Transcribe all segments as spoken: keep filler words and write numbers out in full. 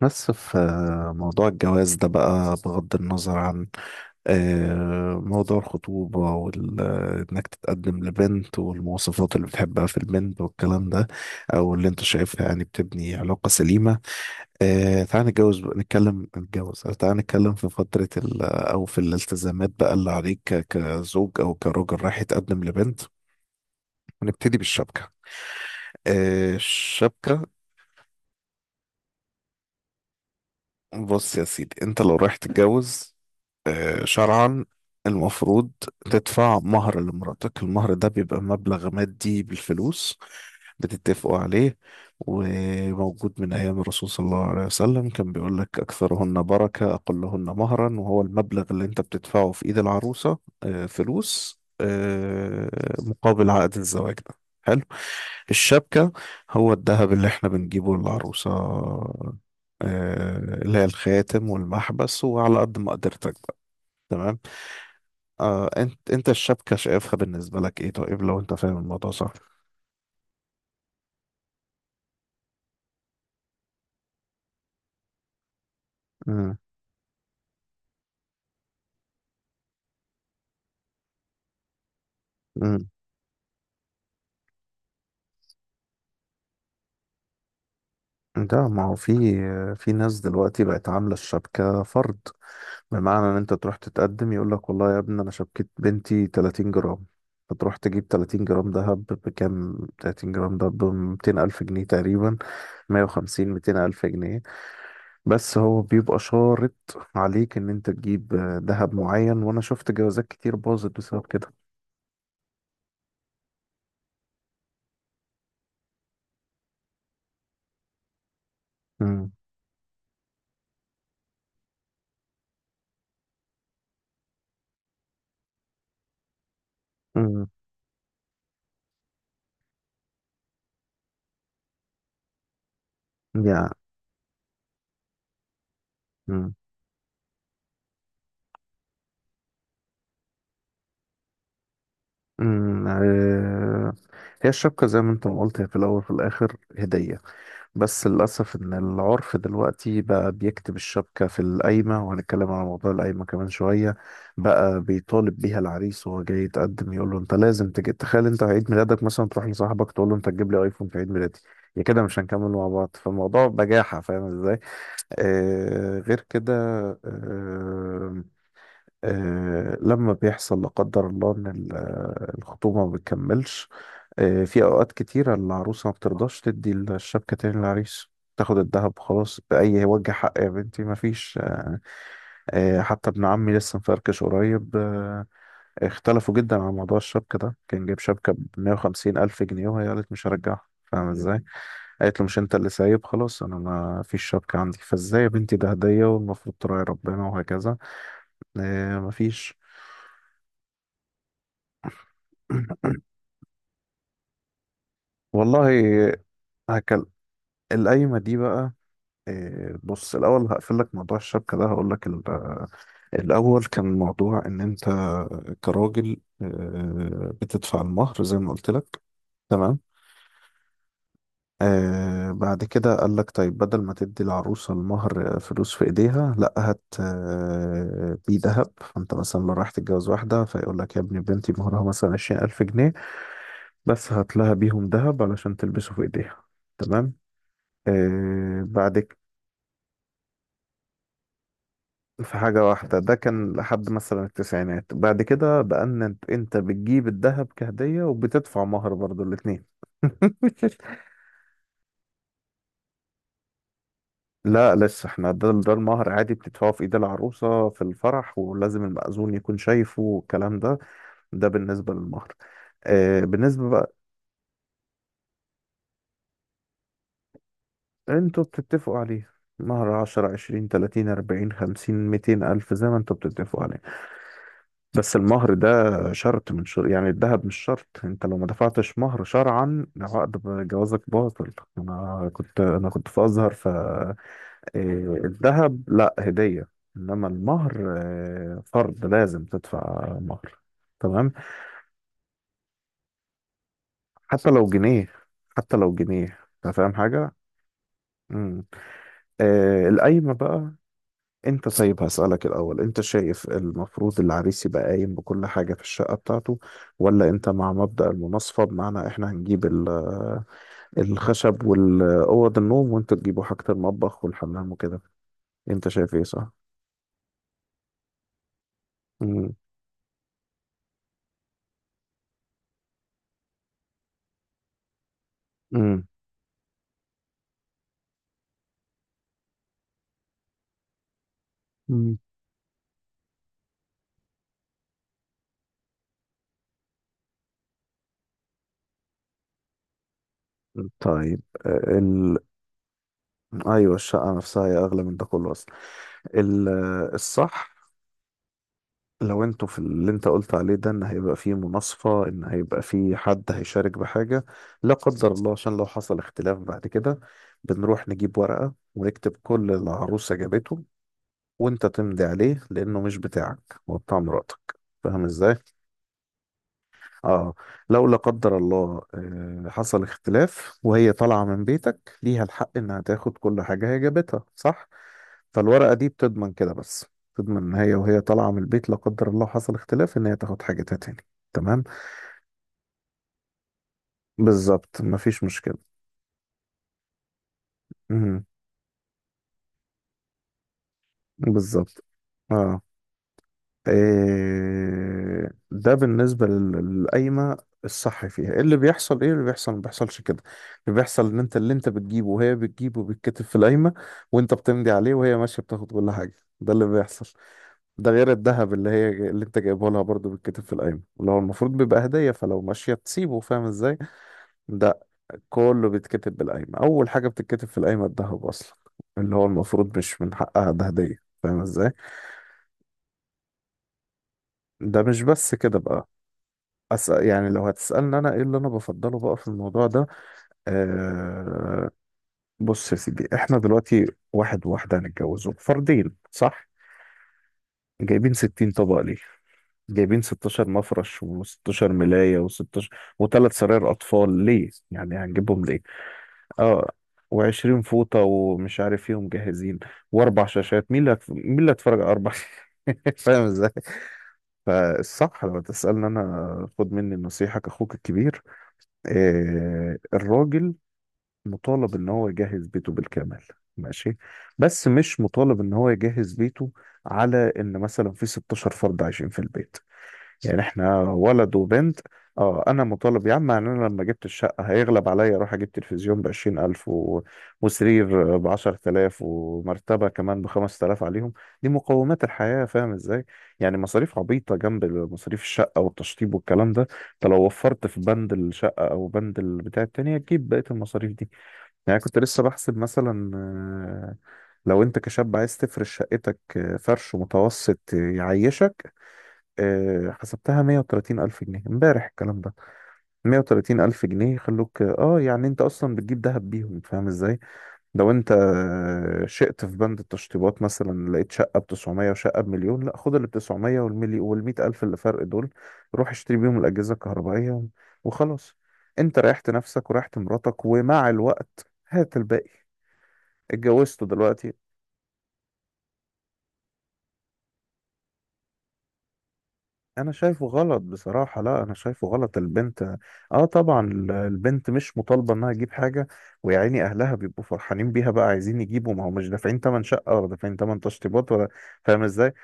بس في موضوع الجواز ده بقى بغض النظر عن آه، موضوع الخطوبة وإنك تتقدم لبنت والمواصفات اللي بتحبها في البنت والكلام ده أو اللي أنت شايفها يعني بتبني علاقة سليمة. آه، تعال نتجوز بقى- نتكلم نتجوز آه، تعال نتكلم في فترة ال- أو في الالتزامات بقى اللي عليك ك- كزوج أو كراجل رايح يتقدم لبنت ونبتدي بالشبكة. آه، الشبكة. بص يا سيدي أنت لو رايح تتجوز شرعا المفروض تدفع مهر لمراتك. المهر ده بيبقى مبلغ مادي بالفلوس بتتفقوا عليه، وموجود من أيام الرسول صلى الله عليه وسلم، كان بيقول لك أكثرهن بركة أقلهن مهرا، وهو المبلغ اللي أنت بتدفعه في إيد العروسة. آه، فلوس آه، مقابل عقد الزواج ده. حلو. الشبكة هو الذهب اللي احنا بنجيبه للعروسة، آه، اللي هي الخاتم والمحبس وعلى قد ما قدرتك بقى. تمام. آه انت انت الشبكة شايفها بالنسبة لك ايه؟ طيب لو انت فاهم الموضوع صح. امم. امم. ده ما هو في في ناس دلوقتي بقت عاملة الشبكة فرض، بمعنى ان انت تروح تتقدم يقول لك والله يا ابني انا شبكة بنتي تلاتين جرام. فتروح تجيب تلاتين جرام دهب بكام؟ تلاتين جرام دهب ب ميتين ألف جنيه تقريبا. مية وخمسين، ميتين ألف جنيه. بس هو بيبقى شارط عليك ان انت تجيب آه، دهب معين، وانا شفت جوازات كتير باظت بسبب كده. امم. امم. يعني أمم، آه، هي الشبكة زي ما انت ما قلت هي في الأول وفي الآخر هدية. بس للأسف إن العرف دلوقتي بقى بيكتب الشبكة في القايمة، وهنتكلم على موضوع القايمة كمان شوية. بقى بيطالب بيها العريس وهو جاي يتقدم يقول له أنت لازم تجي. تخيل أنت عيد ميلادك مثلا تروح لصاحبك تقول له أنت تجيب لي أيفون في عيد ميلادي، يا كده مش هنكمل مع بعض. فالموضوع بجاحة، فاهم ازاي. آه غير كده. آه. آه، لما بيحصل لا قدر الله ان ال- آه، الخطوبه ما بتكملش، آه، في اوقات كتيره العروسه ما بترضاش تدي الشبكه تاني للعريس. تاخد الذهب خلاص بأي وجه حق يا بنتي؟ مفيش. آه، آه، حتى ابن عمي لسه مفركش قريب، آه، اختلفوا جدا على موضوع الشبكة ده. كان جايب شبكة ب مية وخمسين ألف جنيه، وهي قالت مش هرجعها. فاهم ازاي؟ مم. قالت له مش انت اللي سايب خلاص، انا ما فيش شبكة عندي. فازاي يا بنتي، ده هدية والمفروض تراعي ربنا وهكذا. آه، مفيش. والله هكل القايمة دي بقى. إيه، بص الأول هقفل لك موضوع الشبكة ده، هقول لك ال- الأول كان موضوع إن أنت كراجل آه، بتدفع المهر زي ما قلت لك. تمام. آه بعد كده قال لك طيب بدل ما تدي العروسة المهر آه، فلوس في إيديها، لا هات آه، بيه ذهب. فأنت مثلا لو رايح تتجوز واحدة فيقول لك يا ابني بنتي مهرها مثلا عشرين ألف جنيه، بس هات لها بيهم ذهب علشان تلبسه في إيديها. تمام. آه بعد في حاجة واحدة ده كان لحد مثلا التسعينات. بعد كده بقى ان انت انت بتجيب الذهب كهدية وبتدفع مهر برضو الاتنين. لا لسه احنا ده ده المهر عادي بتدفعه في ايد العروسة في الفرح، ولازم المأذون يكون شايفه والكلام ده. ده بالنسبة للمهر. آه بالنسبة بقى، انتوا بتتفقوا عليه. مهر عشرة عشرين تلاتين أربعين خمسين ميتين ألف زي ما انتوا بتتفقوا عليه. بس المهر ده شرط من شر... يعني الذهب مش شرط. انت لو ما دفعتش مهر شرعا عقد ب- جوازك باطل. انا كنت انا كنت في ازهر، ف إيه، الذهب لا هدية، انما المهر إيه، فرض، لازم تدفع مهر. تمام. حتى لو جنيه. حتى لو جنيه. انت فاهم حاجة. امم. آه القايمة بقى. انت طيب هسألك الأول، انت شايف المفروض العريس يبقى قايم بكل حاجة في الشقة بتاعته، ولا انت مع مبدأ المناصفة، بمعنى احنا هنجيب ال- الخشب والأوض النوم وانتوا تجيبوا حاجة المطبخ والحمام وكده. انت شايف ايه صح؟ مم. مم. مم. طيب ال... ايوه الشقة نفسها هي أغلى من ده كله أصلا. ال... الصح لو انتوا في اللي انت قلت عليه ده ان هيبقى فيه مناصفة، ان هيبقى فيه حد هيشارك بحاجة لا قدر الله، عشان لو حصل اختلاف بعد كده بنروح نجيب ورقة ونكتب كل اللي العروسة جابته وانت تمضي عليه، لانه مش بتاعك، هو بتاع مراتك. فاهم ازاي؟ اه. لو لا قدر الله آه، حصل اختلاف وهي طالعة من بيتك، ليها الحق انها تاخد كل حاجة هي جابتها صح. فالورقة دي بتضمن كده بس. تضمن ان هي وهي طالعة من البيت لا قدر الله حصل اختلاف ان هي تاخد حاجتها تاني. تمام. بالظبط مفيش مشكلة. مهم. بالظبط. اه. إيه، ده بالنسبة لل- للقايمة. الصح فيها إيه اللي بيحصل؟ ايه اللي بيحصل؟ ما بيحصلش كده. اللي بيحصل ان انت اللي انت بتجيبه وهي بتجيبه بيتكتب في القايمة، وانت بتمضي عليه، وهي ماشية بتاخد كل حاجة. ده اللي بيحصل. ده غير الذهب اللي هي اللي انت جايبه لها برضه بيتكتب في القايمة، اللي هو المفروض بيبقى هدية، فلو ماشية تسيبه. فاهم ازاي. ده كله بيتكتب بالقايمة. اول حاجة بتتكتب في القايمة الذهب اصلا، اللي هو المفروض مش من حقها، ده هدية. فاهم ازاي. ده مش بس كده بقى. أس... يعني لو هتسألني أنا إيه اللي أنا بفضله بقى في الموضوع ده. آه... بص يا سيدي إحنا دلوقتي واحد وواحدة هنتجوزوا، فردين صح؟ جايبين ستين طبق ليه؟ جايبين ستاشر مفرش و16 ملاية و16، وثلاث سراير أطفال ليه؟ يعني هنجيبهم ليه؟ آه. و20 فوطة ومش عارف إيه ومجهزين، وأربع شاشات. مين اللي هت... مين اللي هيتفرج على أربع شاشات؟ فاهم إزاي؟ فالصح لو تسألني أنا خد مني النصيحة كأخوك الكبير. آه، الراجل مطالب ان هو يجهز بيته بالكامل. ماشي. بس مش مطالب ان هو يجهز بيته على ان مثلا في ستة عشر فرد عايشين في البيت. يعني احنا ولد وبنت. اه انا مطالب يا عم. يعني انا لما جبت الشقه هيغلب عليا اروح اجيب تلفزيون ب عشرين ألف و... وسرير ب عشرة آلاف ومرتبه كمان ب خمس آلاف عليهم. دي مقومات الحياه، فاهم ازاي. يعني مصاريف عبيطه جنب مصاريف الشقه والتشطيب والكلام ده. انت لو وفرت في بند الشقه او بند البتاع التانية تجيب بقيه المصاريف دي. يعني كنت لسه بحسب مثلا آه، لو انت كشاب عايز تفرش شقتك آه، فرش متوسط يعيشك، آه، حسبتها مئة وثلاثين ألف جنيه امبارح الكلام ده. مئة وثلاثين ألف جنيه يخلوك اه. يعني انت اصلا بتجيب دهب بيهم، فاهم ازاي. لو انت آه، شئت في بند التشطيبات مثلا لقيت شقة ب تسعمية وشقة بمليون، لا خد ال تسعمية والملي وال مئة ألف اللي فرق دول روح اشتري بيهم الأجهزة الكهربائية. وخلاص. انت ريحت نفسك وريحت مراتك، ومع الوقت هات الباقي. اتجوزته دلوقتي. انا شايفه غلط بصراحة. لا انا شايفه غلط. البنت، اه طبعا ال- البنت مش مطالبة انها تجيب حاجة. ويا عيني اهلها بيبقوا فرحانين بيها بقى عايزين يجيبوا، ما هو مش دافعين تمن شقة ولا دافعين تمن تشطيبات ولا. فاهم ازاي.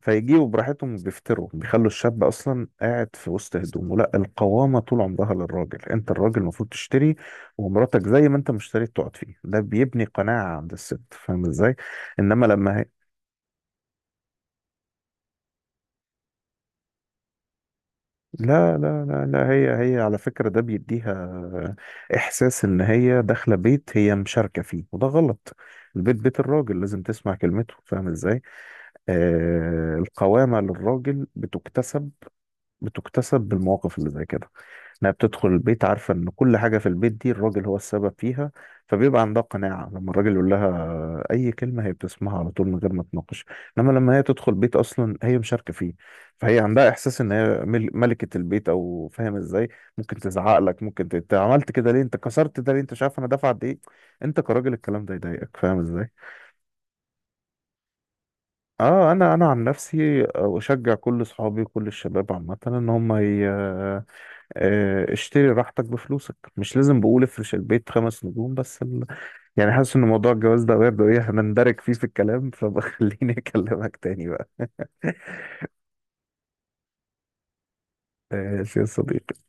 فيجيبوا براحتهم، بيفتروا، بيخلوا الشاب اصلا قاعد في وسط هدومه. لا القوامة طول عمرها للراجل. انت الراجل المفروض تشتري، ومراتك زي ما انت ما اشتريت تقعد فيه. ده بيبني قناعة عند الست، فاهم ازاي. انما لما، لا لا لا لا، هي هي على فكرة ده بيديها إحساس إن هي داخلة بيت هي مشاركة فيه، وده غلط. البيت بيت الراجل، لازم تسمع كلمته. فاهم إزاي؟ آه القوامة للراجل بتكتسب، بتكتسب بالمواقف اللي زي كده. انها بتدخل البيت عارفه ان كل حاجه في البيت دي الراجل هو السبب فيها، فبيبقى عندها قناعه لما الراجل يقول لها اي كلمه هي بتسمعها على طول من غير ما تناقش. انما لما هي تدخل بيت اصلا هي مشاركه فيه، فهي عندها احساس ان هي مل- ملكه البيت او فاهم ازاي. ممكن تزعق لك. ممكن ت- انت عملت كده ليه؟ انت كسرت ده ليه؟ انت مش عارف انا دافع قد ايه. انت كراجل الكلام ده يضايقك، فاهم ازاي. اه انا انا عن نفسي اشجع كل اصحابي وكل الشباب عامه ان هم آه، اشتري راحتك بفلوسك. مش لازم بقول افرش البيت خمس نجوم، بس ال... يعني حاسس ان موضوع الجواز ده برضه ايه هنندرج فيه في الكلام، فبخليني اكلمك تاني بقى. ماشي يا صديقي.